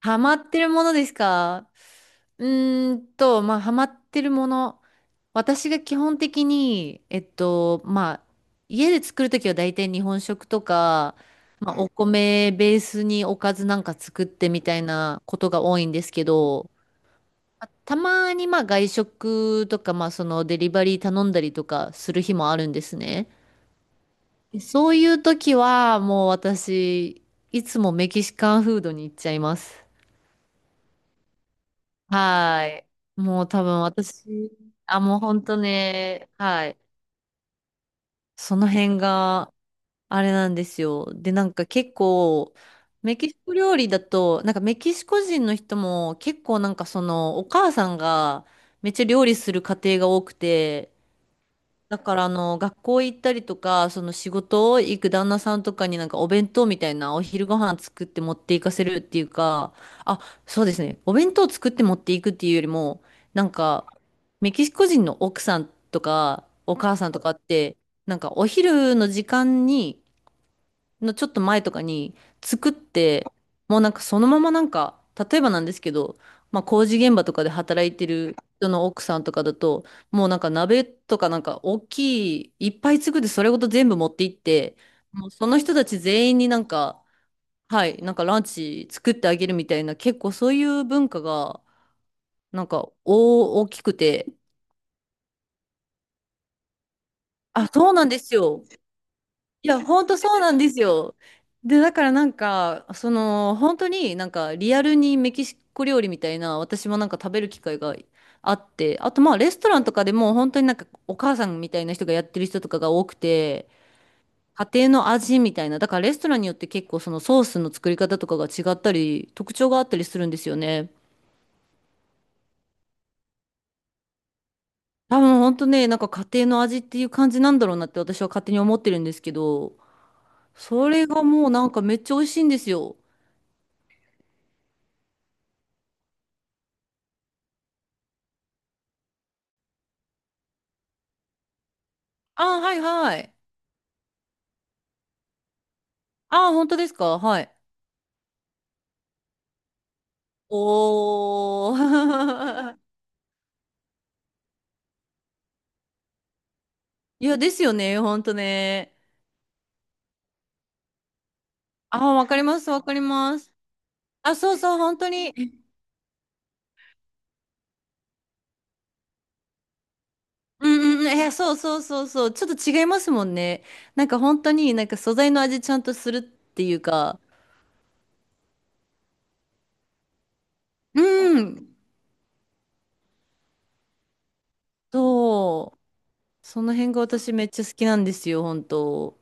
ハマってるものですか？まあ、ハマってるもの。私が基本的に、まあ、家で作るときは大体日本食とか、まあ、お米ベースにおかずなんか作ってみたいなことが多いんですけど、まあたまにまあ外食とか、まあそのデリバリー頼んだりとかする日もあるんですね。で、そういう時はもう私、いつもメキシカンフードに行っちゃいます。はい。もう多分私、あ、もう本当ね、はい。その辺があれなんですよ。で、なんか結構、メキシコ料理だと、なんかメキシコ人の人も結構なんかそのお母さんがめっちゃ料理する家庭が多くて、だからあの学校行ったりとかその仕事を行く旦那さんとかになんかお弁当みたいなお昼ご飯作って持っていかせるっていうか、あ、そうですね、お弁当作って持っていくっていうよりもなんか、メキシコ人の奥さんとかお母さんとかってなんかお昼の時間にのちょっと前とかに作って、もうなんかそのままなんか、例えばなんですけど、まあ工事現場とかで働いてる人の奥さんとかだと、もうなんか鍋とかなんか大きい、いっぱい作ってそれごと全部持って行って、もうその人たち全員になんか、はい、なんかランチ作ってあげるみたいな、結構そういう文化が、なんか大きくて、あ、そうなんですよ。いや、本当そうなんですよ。で、だからなんか、その、本当になんかリアルにメキシコ料理みたいな、私もなんか食べる機会があって、あとまあレストランとかでも本当になんかお母さんみたいな人がやってる人とかが多くて、家庭の味みたいな、だからレストランによって結構そのソースの作り方とかが違ったり、特徴があったりするんですよね。多分本当ね、なんか家庭の味っていう感じなんだろうなって私は勝手に思ってるんですけど、それがもうなんかめっちゃ美味しいんですよ。ああ、はいはい。ああ、本当ですか？はい。おー。いや、ですよね。本当ね。ああ、わかります。わかります。あ、そうそう、本当に。うんうんうん。いや、そうそうそうそう。ちょっと違いますもんね。なんか本当になんか素材の味ちゃんとするっていうか。うん。そう。その辺が私めっちゃ好きなんですよ、本当。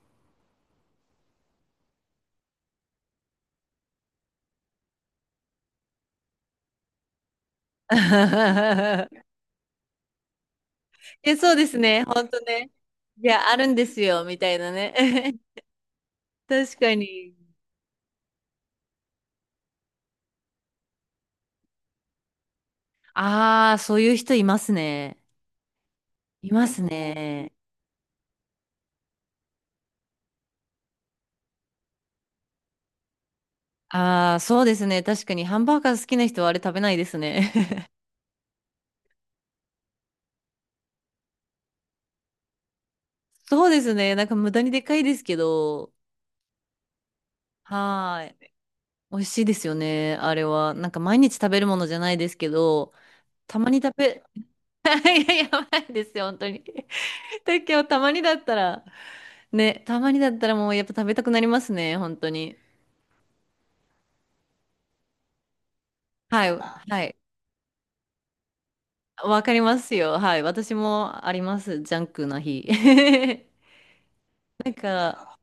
え、そうですね。本当ね。いや、あるんですよ、みたいなね。確かに。ああ、そういう人いますね。いますね。ああ、そうですね。確かにハンバーガー好きな人はあれ食べないですね。そうですね。なんか無駄にでかいですけど、はーい。美味しいですよね。あれは。なんか毎日食べるものじゃないですけど、たまに食べ、いや、やばいですよ、本当に。だけど、たまにだったら、ね、たまにだったらもうやっぱ食べたくなりますね、本当に。はい、はい。わかりますよ。はい。私もあります。ジャンクな日。なんか、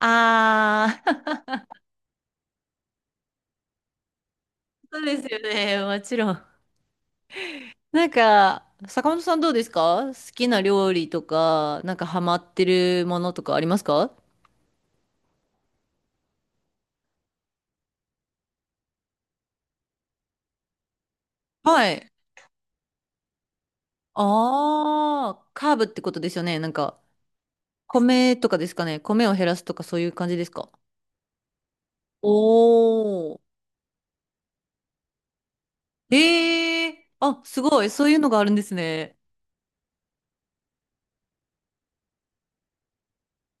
ああ、そうですよね。もちろん。なんか、坂本さん、どうですか？好きな料理とか、なんかハマってるものとかありますか？はい。ああ、カーブってことですよね。なんか、米とかですかね？米を減らすとかそういう感じですか？おー。ええー、あ、すごい。そういうのがあるんですね。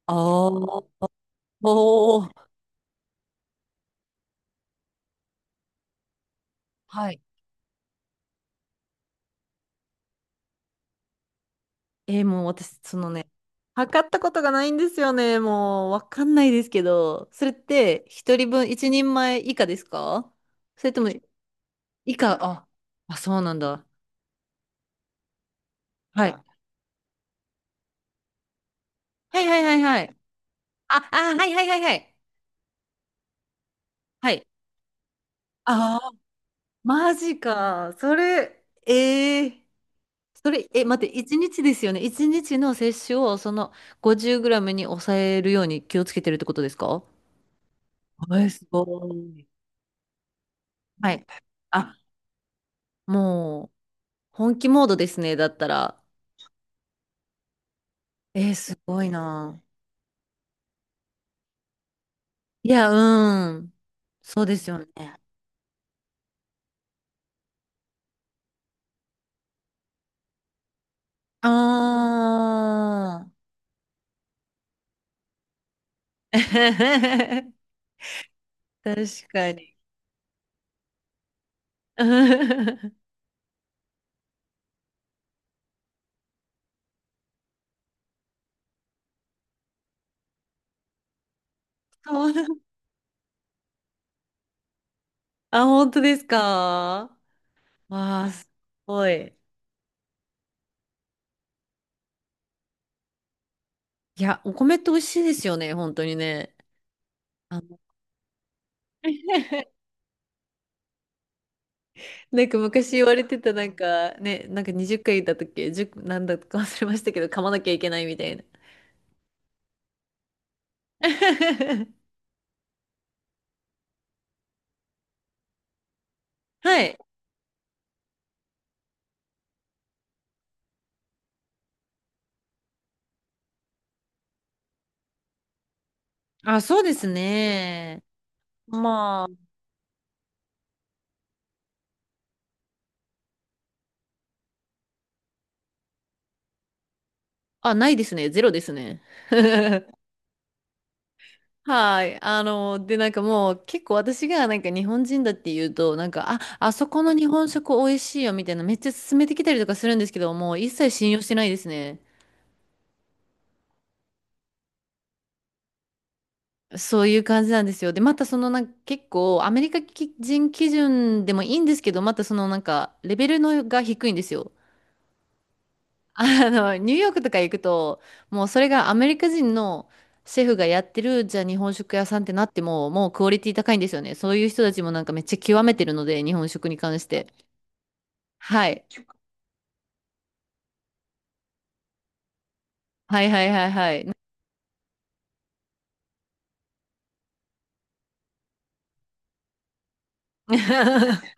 ああ、おー。はい。もう私、そのね、測ったことがないんですよね。もう、わかんないですけど、それって、一人分、一人前以下ですか？それとも、以下、あ、あ、そうなんだ。はい。はいはいはいはい。あ、あ、はいはいはいはい。はい。ああ、マジか。それ、それ、え、待って、一日ですよね。一日の摂取を、その、50グラムに抑えるように気をつけてるってことですか？えー、すごい。はい。あ、もう、本気モードですね。だったら。えー、すごいな。いや、うん。そうですよね。あー。確かに。そうな、あ、本当ですか？わあ、すごい。いや、お米って美味しいですよね、本当にね。あの、 なんか昔言われてた、なんかね、なんか20回言った時け、10、なんだか忘れましたけど、噛まなきゃいけないみたいな。はい。あ、そうですね。まあ、あ、ないですね。ゼロですね。はい。あの、で、なんかもう結構私がなんか日本人だって言うと、なんか、あ、あそこの日本食美味しいよみたいなめっちゃ勧めてきたりとかするんですけど、もう一切信用してないですね。そういう感じなんですよ。で、またそのなんか結構アメリカ人基準でもいいんですけど、またそのなんかレベルのが低いんですよ。あの、ニューヨークとか行くと、もうそれがアメリカ人のシェフがやってる、じゃあ日本食屋さんってなっても、もうクオリティ高いんですよね。そういう人たちもなんかめっちゃ極めてるので、日本食に関して。はい。はいはいはいはい。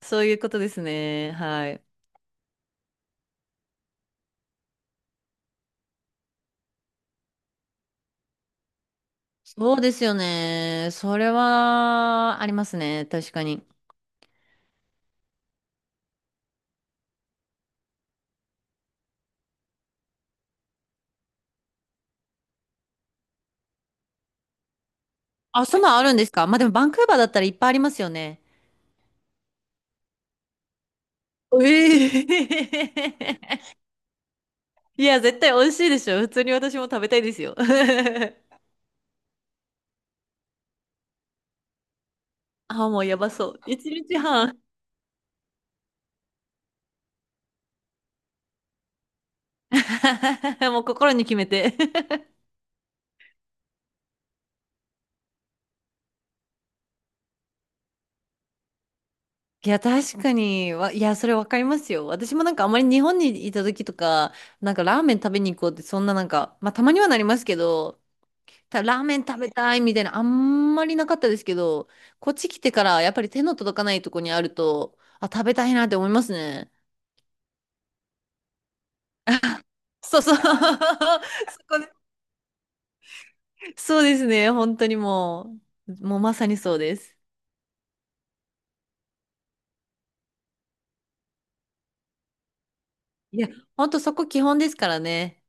そういうことですね。はい。そうですよね。それはありますね。確かに。あ、そんなんあるんですか？まあでもバンクーバーだったらいっぱいありますよね。ええ。 いや、絶対美味しいでしょ。普通に私も食べたいですよ。あ、もうやばそう。一日半。もう心に決めて。 いや、確かに、わ、いや、それわかりますよ。私もなんかあまり日本にいた時とか、なんかラーメン食べに行こうって、そんななんか、まあたまにはなりますけど、たラーメン食べたいみたいな、あんまりなかったですけど、こっち来てからやっぱり手の届かないとこにあると、あ、食べたいなって思いますね。そうそう。そこね。そうですね。本当にもう、もうまさにそうです。いや、本当そこ基本ですからね。